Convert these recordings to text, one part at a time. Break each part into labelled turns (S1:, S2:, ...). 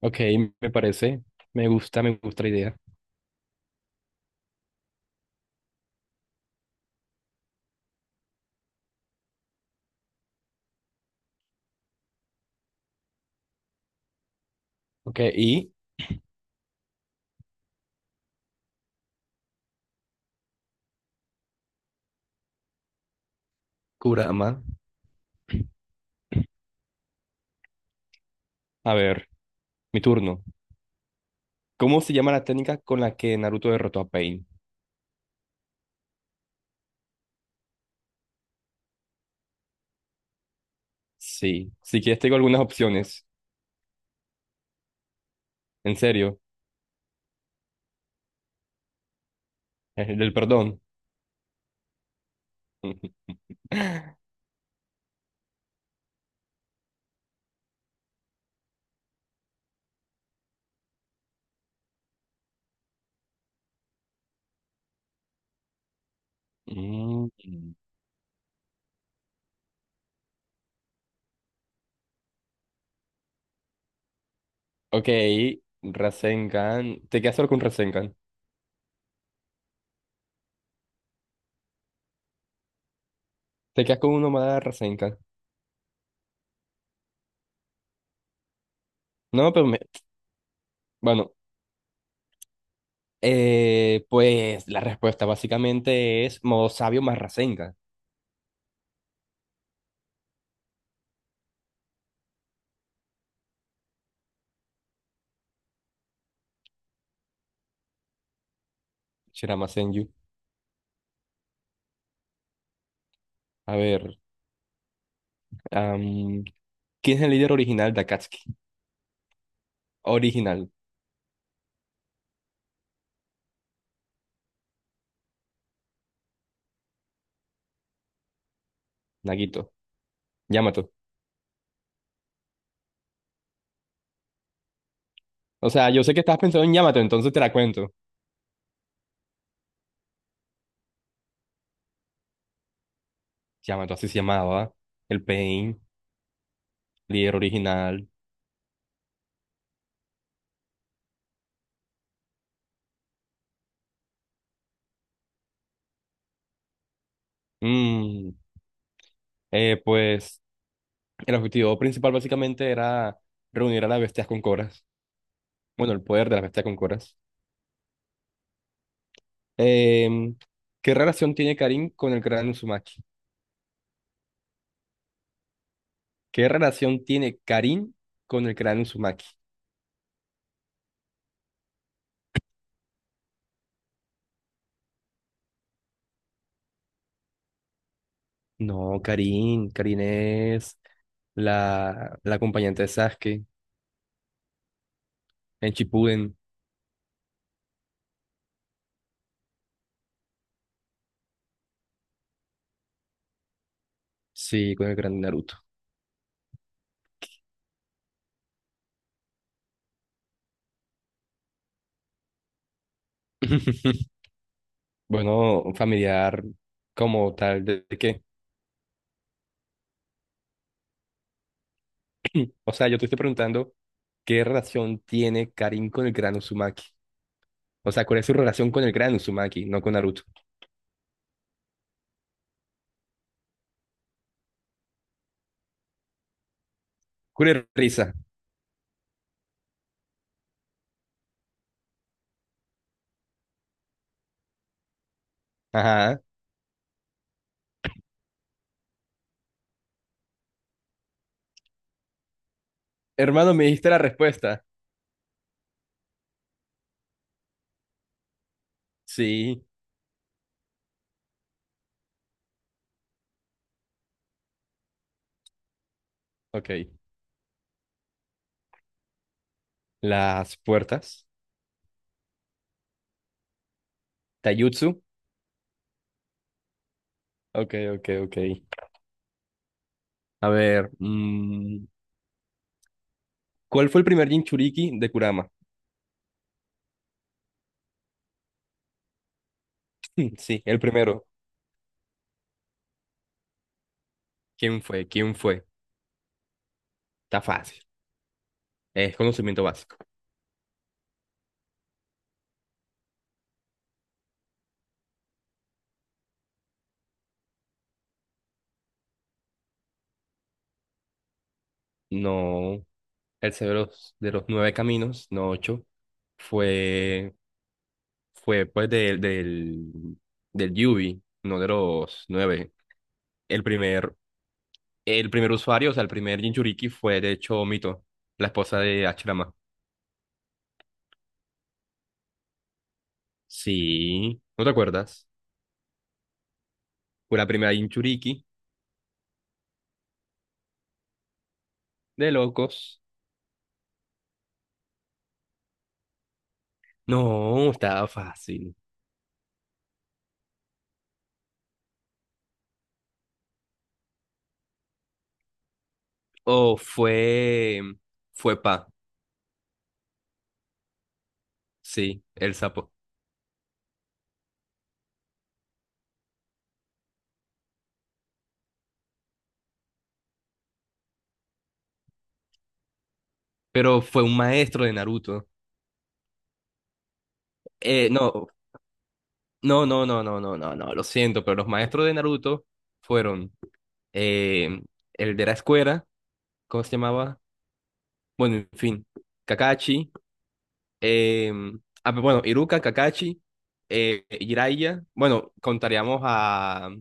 S1: Ok, me parece. Me gusta la idea. Ok, y Kurama. A ver, mi turno. ¿Cómo se llama la técnica con la que Naruto derrotó a Pain? Sí, si quieres tengo algunas opciones. En serio, el del perdón. Mm. Ok, Rasengan. Te quedas solo con Rasengan. Te quedas con uno más de Rasengan. No, pero me... Bueno, pues la respuesta básicamente es modo sabio más Rasengan. Shirama Senju. A ver. ¿Quién es el líder original de Akatsuki? Original, Nagito. Yamato. O sea, yo sé que estabas pensando en Yamato, entonces te la cuento. Yamato así se llamaba. El Pain, líder original. Mm, pues el objetivo principal básicamente era reunir a las bestias con coras. Bueno, el poder de las bestias con coras. Em, ¿Qué relación tiene Karin con el gran Uzumaki? ¿Qué relación tiene Karin con el gran Uzumaki? No, Karin. Karin es la acompañante de Sasuke. En Shippuden, sí, con el gran Naruto. Bueno, familiar como tal, ¿de qué? O sea, yo te estoy preguntando qué relación tiene Karin con el gran Uzumaki. O sea, ¿cuál es su relación con el gran Uzumaki, no con Naruto? Cure risa. Ajá. Hermano, me dijiste la respuesta. Sí, ok. Las puertas. Taijutsu. Ok, ok, ok. A ver, ¿cuál fue el primer Jinchuriki de Kurama? Sí, el primero. ¿Quién fue? ¿Quién fue? Está fácil. Es conocimiento básico. No, el cerebro de los nueve caminos, no ocho, fue, fue pues del Yubi, no de los nueve. El primer, el primer usuario, o sea, el primer Jinchuriki fue de hecho Mito, la esposa de Hachirama. Sí, ¿no te acuerdas? Fue la primera Jinchuriki de locos. No, estaba fácil. O fue, fue Pa, sí, el sapo. Pero fue un maestro de Naruto. No, no, no, no, no, no, no, no, lo siento, pero los maestros de Naruto fueron eh, el de la escuela, ¿cómo se llamaba? Bueno, en fin, Kakashi, eh, pero bueno, Iruka, Kakashi, Jiraiya, bueno, contaríamos a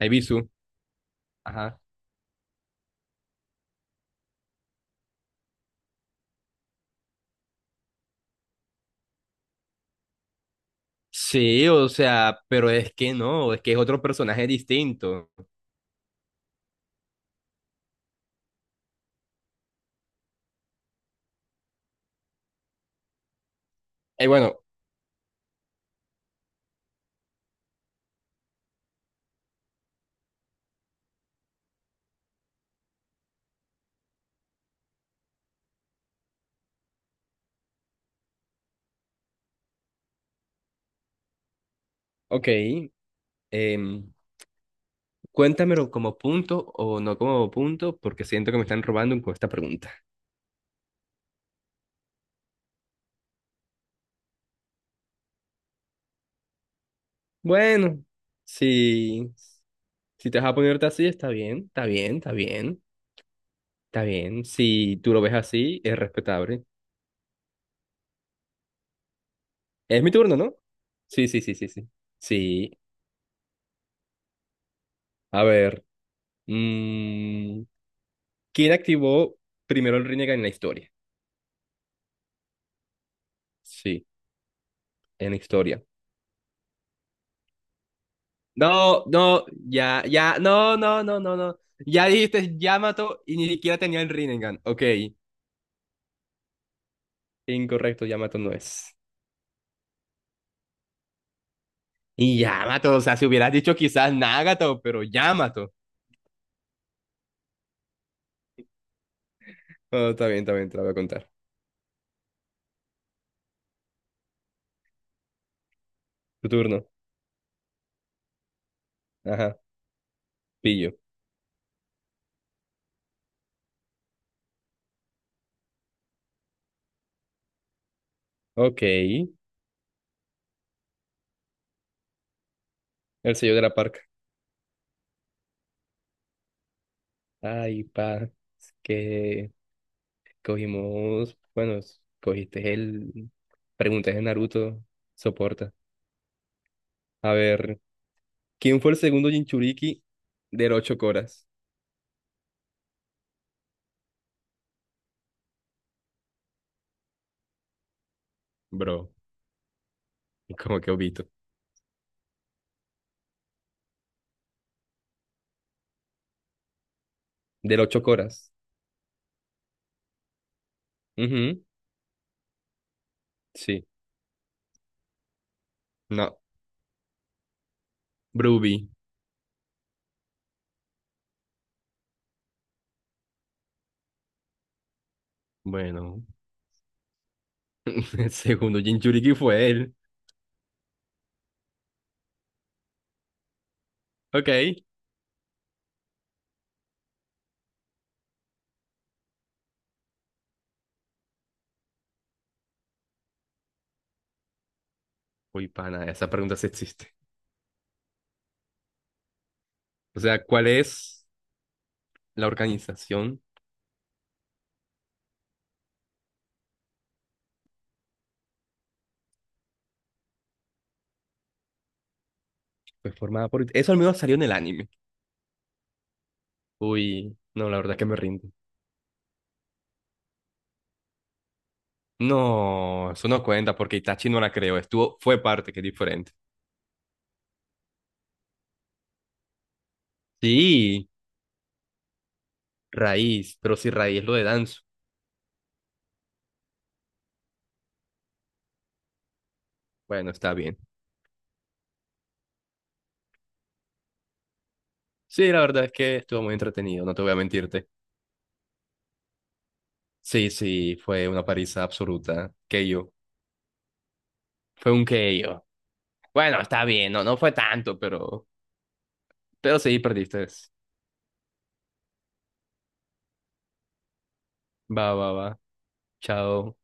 S1: Ibisu, ajá. Sí, o sea, pero es que no, es que es otro personaje distinto. Bueno, ok, em, cuéntamelo como punto o no como punto, porque siento que me están robando con esta pregunta. Bueno, si, si te vas a ponerte así, está bien, está bien, está bien, está bien. Si tú lo ves así, es respetable. Es mi turno, ¿no? Sí, sí, sí, sí, sí. Sí. A ver. mm, ¿Quién activó primero el Rinnegan en la historia? Sí, en la historia. No, no, ya, ya, no, no, no, no, no. Ya dijiste Yamato y ni siquiera tenía el Rinnegan. Ok, incorrecto, Yamato no es. Y Yamato, o sea, si hubieras dicho quizás Nagato, pero Yamato. Oh, está bien, te la voy a contar. Tu turno. Ajá, pillo. Ok, el sello de la parca. Ay, pa, es que cogimos, bueno, s- cogiste el... Preguntas de Naruto, soporta. A ver, ¿quién fue el segundo Jinchuriki del ocho coras? Bro, como que obito. Del ocho coras. Ujú, sí. No, Bruby. Bueno, el segundo Jinchuriki fue él. Ok. Uy, pana, esa pregunta sí existe. O sea, ¿cuál es la organización pues, formada por... Eso al menos salió en el anime. Uy, no, la verdad que me rindo. No, eso no cuenta porque Itachi no la creó. Estuvo, fue parte, que es diferente. Sí, Raíz, pero si Raíz lo de Danzo. Bueno, está bien. Sí, la verdad es que estuvo muy entretenido, no te voy a mentirte. Sí, sí, fue una paliza absoluta. Yo Fue un yo Bueno, está bien, no, no fue tanto, pero... Pero sí, perdiste. Va, va, va. Chao.